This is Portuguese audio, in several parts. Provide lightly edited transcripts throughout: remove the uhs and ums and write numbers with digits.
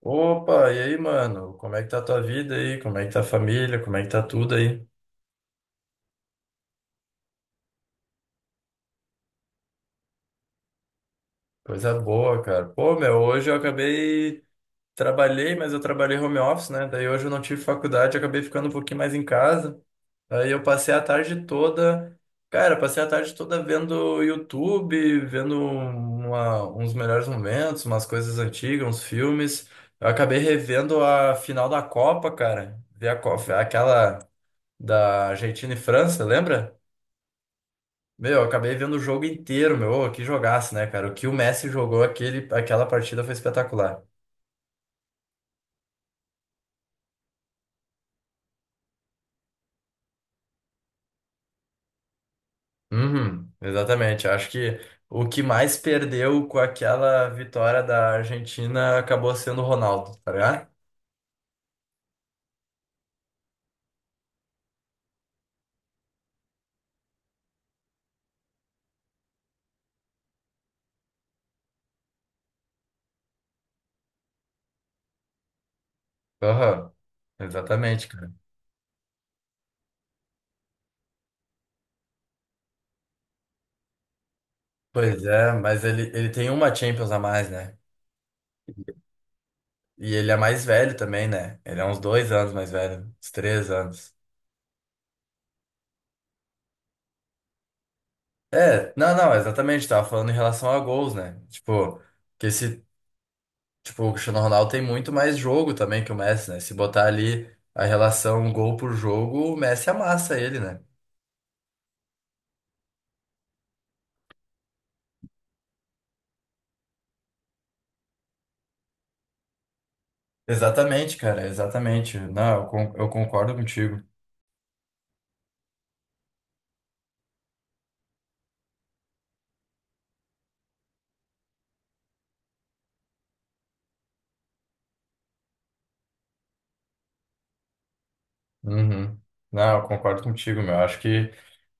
Opa, e aí, mano? Como é que tá a tua vida aí? Como é que tá a família? Como é que tá tudo aí? Coisa boa, cara. Pô, meu, hoje eu acabei. Trabalhei, mas eu trabalhei home office, né? Daí hoje eu não tive faculdade, eu acabei ficando um pouquinho mais em casa. Aí eu passei a tarde toda. Cara, passei a tarde toda vendo YouTube, vendo uns melhores momentos, umas coisas antigas, uns filmes. Eu acabei revendo a final da Copa, cara. Vi a Copa, aquela da Argentina e França, lembra? Meu, eu acabei vendo o jogo inteiro, meu. Ô, que jogaço, né, cara? O que o Messi jogou aquela partida foi espetacular. Uhum, exatamente. Acho que o que mais perdeu com aquela vitória da Argentina acabou sendo o Ronaldo, tá ligado? Aham, exatamente, cara. Pois é, mas ele tem uma Champions a mais, né? E ele é mais velho também, né? Ele é uns dois anos mais velho, uns três anos. É, não, não, exatamente, tava falando em relação a gols, né? Tipo, que se Tipo, o Cristiano Ronaldo tem muito mais jogo também que o Messi, né? Se botar ali a relação um gol por jogo, o Messi amassa ele, né? Exatamente, cara, exatamente. Não, eu concordo contigo. Uhum. Não, eu concordo contigo, meu. Acho que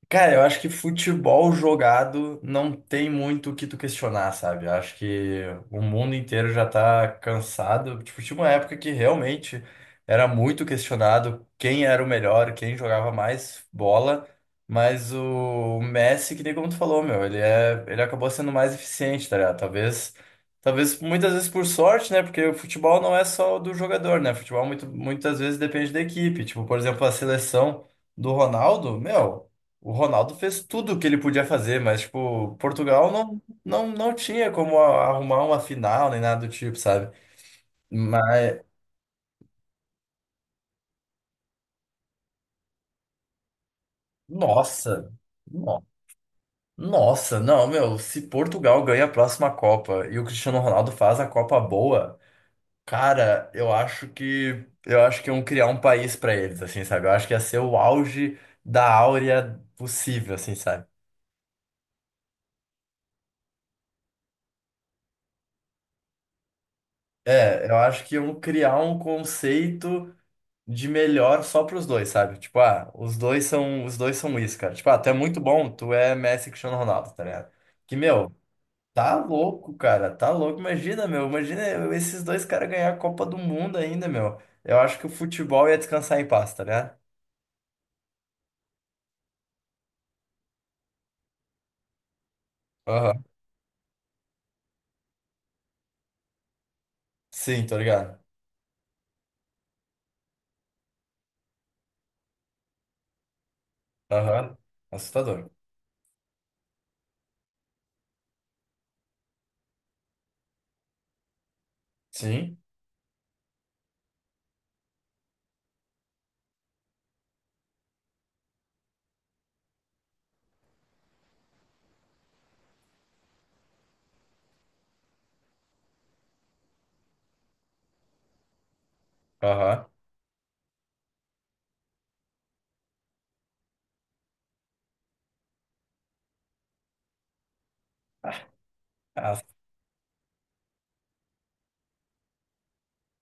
Cara, eu acho que futebol jogado não tem muito o que tu questionar, sabe? Eu acho que o mundo inteiro já tá cansado. Tipo, tinha uma época que realmente era muito questionado quem era o melhor, quem jogava mais bola, mas o Messi, que nem como tu falou, meu, ele acabou sendo mais eficiente, tá ligado? Talvez muitas vezes por sorte, né? Porque o futebol não é só do jogador, né? Futebol muitas vezes depende da equipe. Tipo, por exemplo, a seleção do Ronaldo, meu. O Ronaldo fez tudo o que ele podia fazer, mas, tipo, Portugal não tinha como arrumar uma final nem nada do tipo, sabe? Mas, nossa, no- nossa, não, meu, se Portugal ganha a próxima Copa e o Cristiano Ronaldo faz a Copa boa, cara, eu acho que iam criar um país pra eles, assim, sabe? Eu acho que ia ser o auge da áurea possível, assim, sabe? É, eu acho que iam criar um conceito de melhor só pros dois, sabe? Tipo, ah, os dois são isso, cara. Tipo, ah, tu é muito bom, tu é Messi e Cristiano Ronaldo, tá ligado? Que, meu, tá louco, cara, tá louco. Imagina esses dois caras ganhar a Copa do Mundo ainda, meu. Eu acho que o futebol ia descansar em paz, tá ligado? Aham. Sim, tô ligado. Aham. Assustador. Sim. Aham.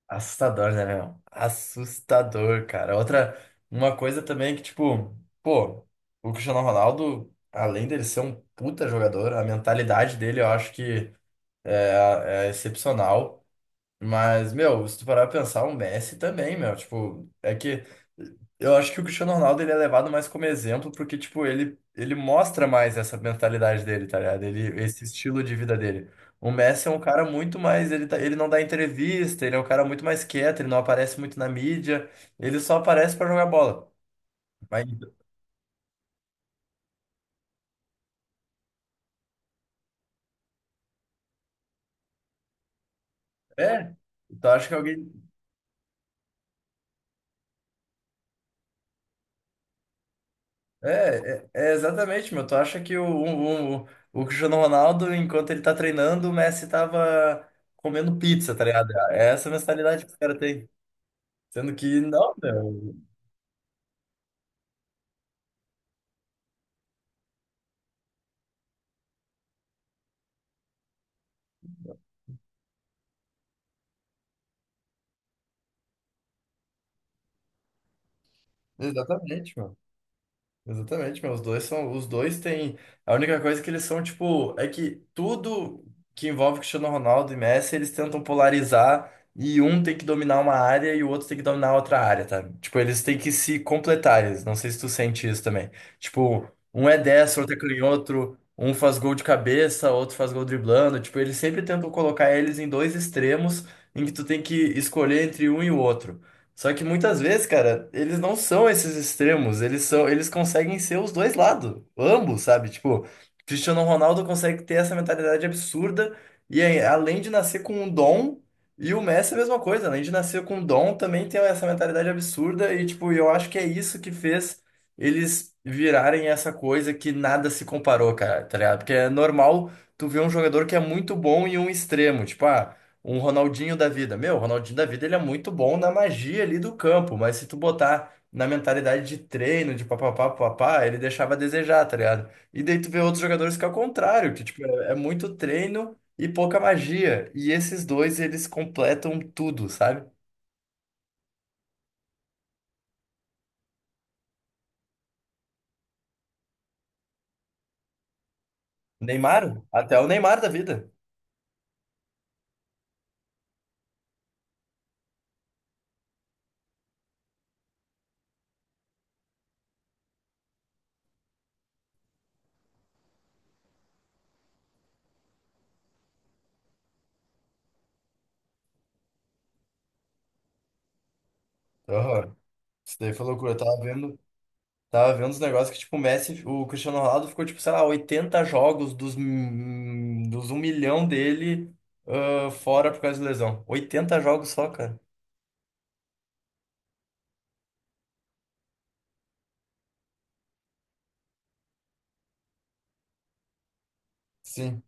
Assustador, né, meu? Assustador, cara. Outra, uma coisa também que, tipo, pô, o Cristiano Ronaldo, além dele ser um puta jogador, a mentalidade dele eu acho que é excepcional. Mas, meu, se tu parar pra pensar, o Messi também, meu, tipo, é que eu acho que o Cristiano Ronaldo ele é levado mais como exemplo porque, tipo, ele mostra mais essa mentalidade dele, tá ligado? Ele, esse estilo de vida dele. O Messi é um cara muito mais, ele não dá entrevista, ele é um cara muito mais quieto, ele não aparece muito na mídia, ele só aparece pra jogar bola. Mas, é, então acho que alguém… é exatamente, meu. Tu acha que o Cristiano Ronaldo, enquanto ele tá treinando, o Messi tava comendo pizza, tá ligado? É essa mentalidade que os caras têm. Sendo que não, meu. Exatamente, mano. Exatamente, meu. Os dois são. Os dois têm. A única coisa que eles são, tipo, é que tudo que envolve Cristiano Ronaldo e Messi, eles tentam polarizar e um tem que dominar uma área e o outro tem que dominar outra área, tá? Tipo, eles têm que se completar. Não sei se tu sente isso também. Tipo, um é destro, outro é canhoto, um faz gol de cabeça, outro faz gol driblando. Tipo, eles sempre tentam colocar eles em dois extremos em que tu tem que escolher entre um e o outro. Só que muitas vezes, cara, eles não são esses extremos, eles conseguem ser os dois lados, ambos, sabe? Tipo, Cristiano Ronaldo consegue ter essa mentalidade absurda e aí, além de nascer com um dom, e o Messi é a mesma coisa, além de nascer com um dom, também tem essa mentalidade absurda e tipo, eu acho que é isso que fez eles virarem essa coisa que nada se comparou, cara, tá ligado? Porque é normal tu ver um jogador que é muito bom em um extremo, tipo, ah, um Ronaldinho da vida. Meu, o Ronaldinho da vida ele é muito bom na magia ali do campo, mas se tu botar na mentalidade de treino, de papapá, papapá, ele deixava a desejar, tá ligado? E daí tu vê outros jogadores que é o contrário, que tipo, é muito treino e pouca magia. E esses dois, eles completam tudo, sabe? Neymar, até o Neymar da vida. Aham. Isso daí foi loucura, eu tava vendo. Tava vendo uns negócios que, tipo, o Cristiano Ronaldo ficou, tipo, sei lá, 80 jogos dos, dos um milhão dele, ah, fora por causa de lesão. 80 jogos só, cara. Sim.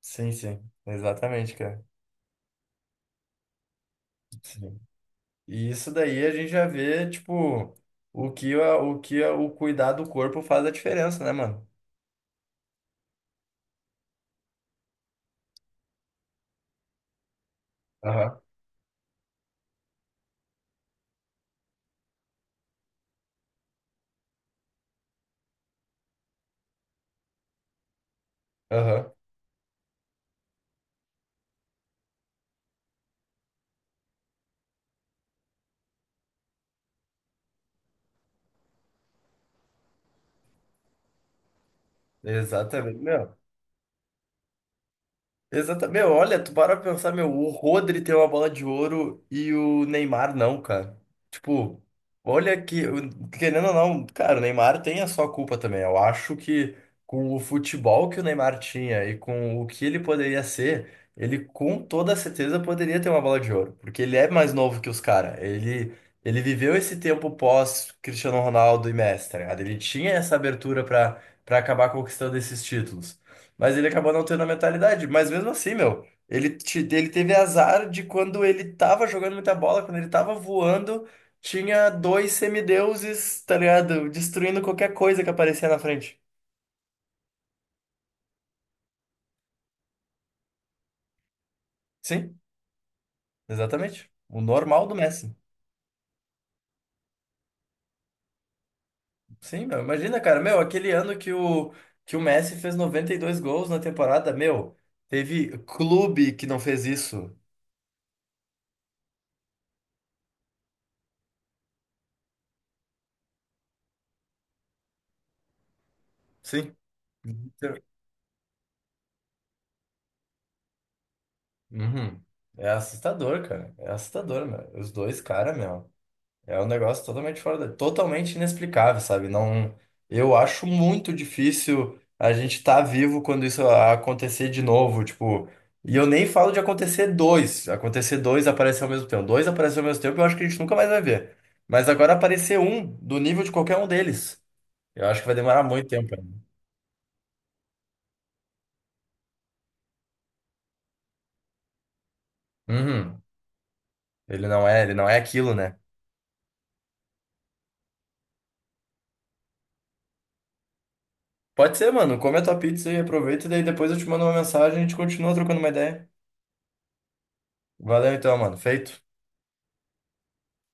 Sim, sim. Exatamente, cara. Sim. E isso daí a gente já vê, tipo, o cuidar do corpo faz a diferença, né, mano? Aham. Aham. Exatamente. Exatamente. Meu, olha, tu para pra pensar, meu, o Rodri tem uma bola de ouro e o Neymar não, cara. Tipo, olha que, querendo ou não, cara, o Neymar tem a sua culpa também. Eu acho que com o futebol que o Neymar tinha e com o que ele poderia ser, ele com toda certeza poderia ter uma bola de ouro, porque ele é mais novo que os caras. Ele viveu esse tempo pós Cristiano Ronaldo e Messi, tá ligado? Ele tinha essa abertura pra acabar conquistando esses títulos. Mas ele acabou não tendo a mentalidade. Mas mesmo assim, meu, ele teve azar de quando ele tava jogando muita bola, quando ele tava voando, tinha dois semideuses, tá ligado? Destruindo qualquer coisa que aparecia na frente. Sim, exatamente. O normal do Messi. Sim, meu, imagina, cara, meu, aquele ano que que o Messi fez 92 gols na temporada, meu, teve clube que não fez isso. Sim. Uhum. É assustador, cara. É assustador, meu. Os dois, cara, meu. É um negócio totalmente fora da… totalmente inexplicável, sabe? Não, eu acho muito difícil a gente estar vivo quando isso acontecer de novo, tipo, e eu nem falo de acontecer dois aparecer ao mesmo tempo, dois aparecer ao mesmo tempo, eu acho que a gente nunca mais vai ver. Mas agora aparecer um do nível de qualquer um deles, eu acho que vai demorar muito tempo ainda. Uhum. Ele não é aquilo, né? Pode ser, mano. Come a tua pizza e aproveita, e daí depois eu te mando uma mensagem e a gente continua trocando uma ideia. Valeu então, mano. Feito.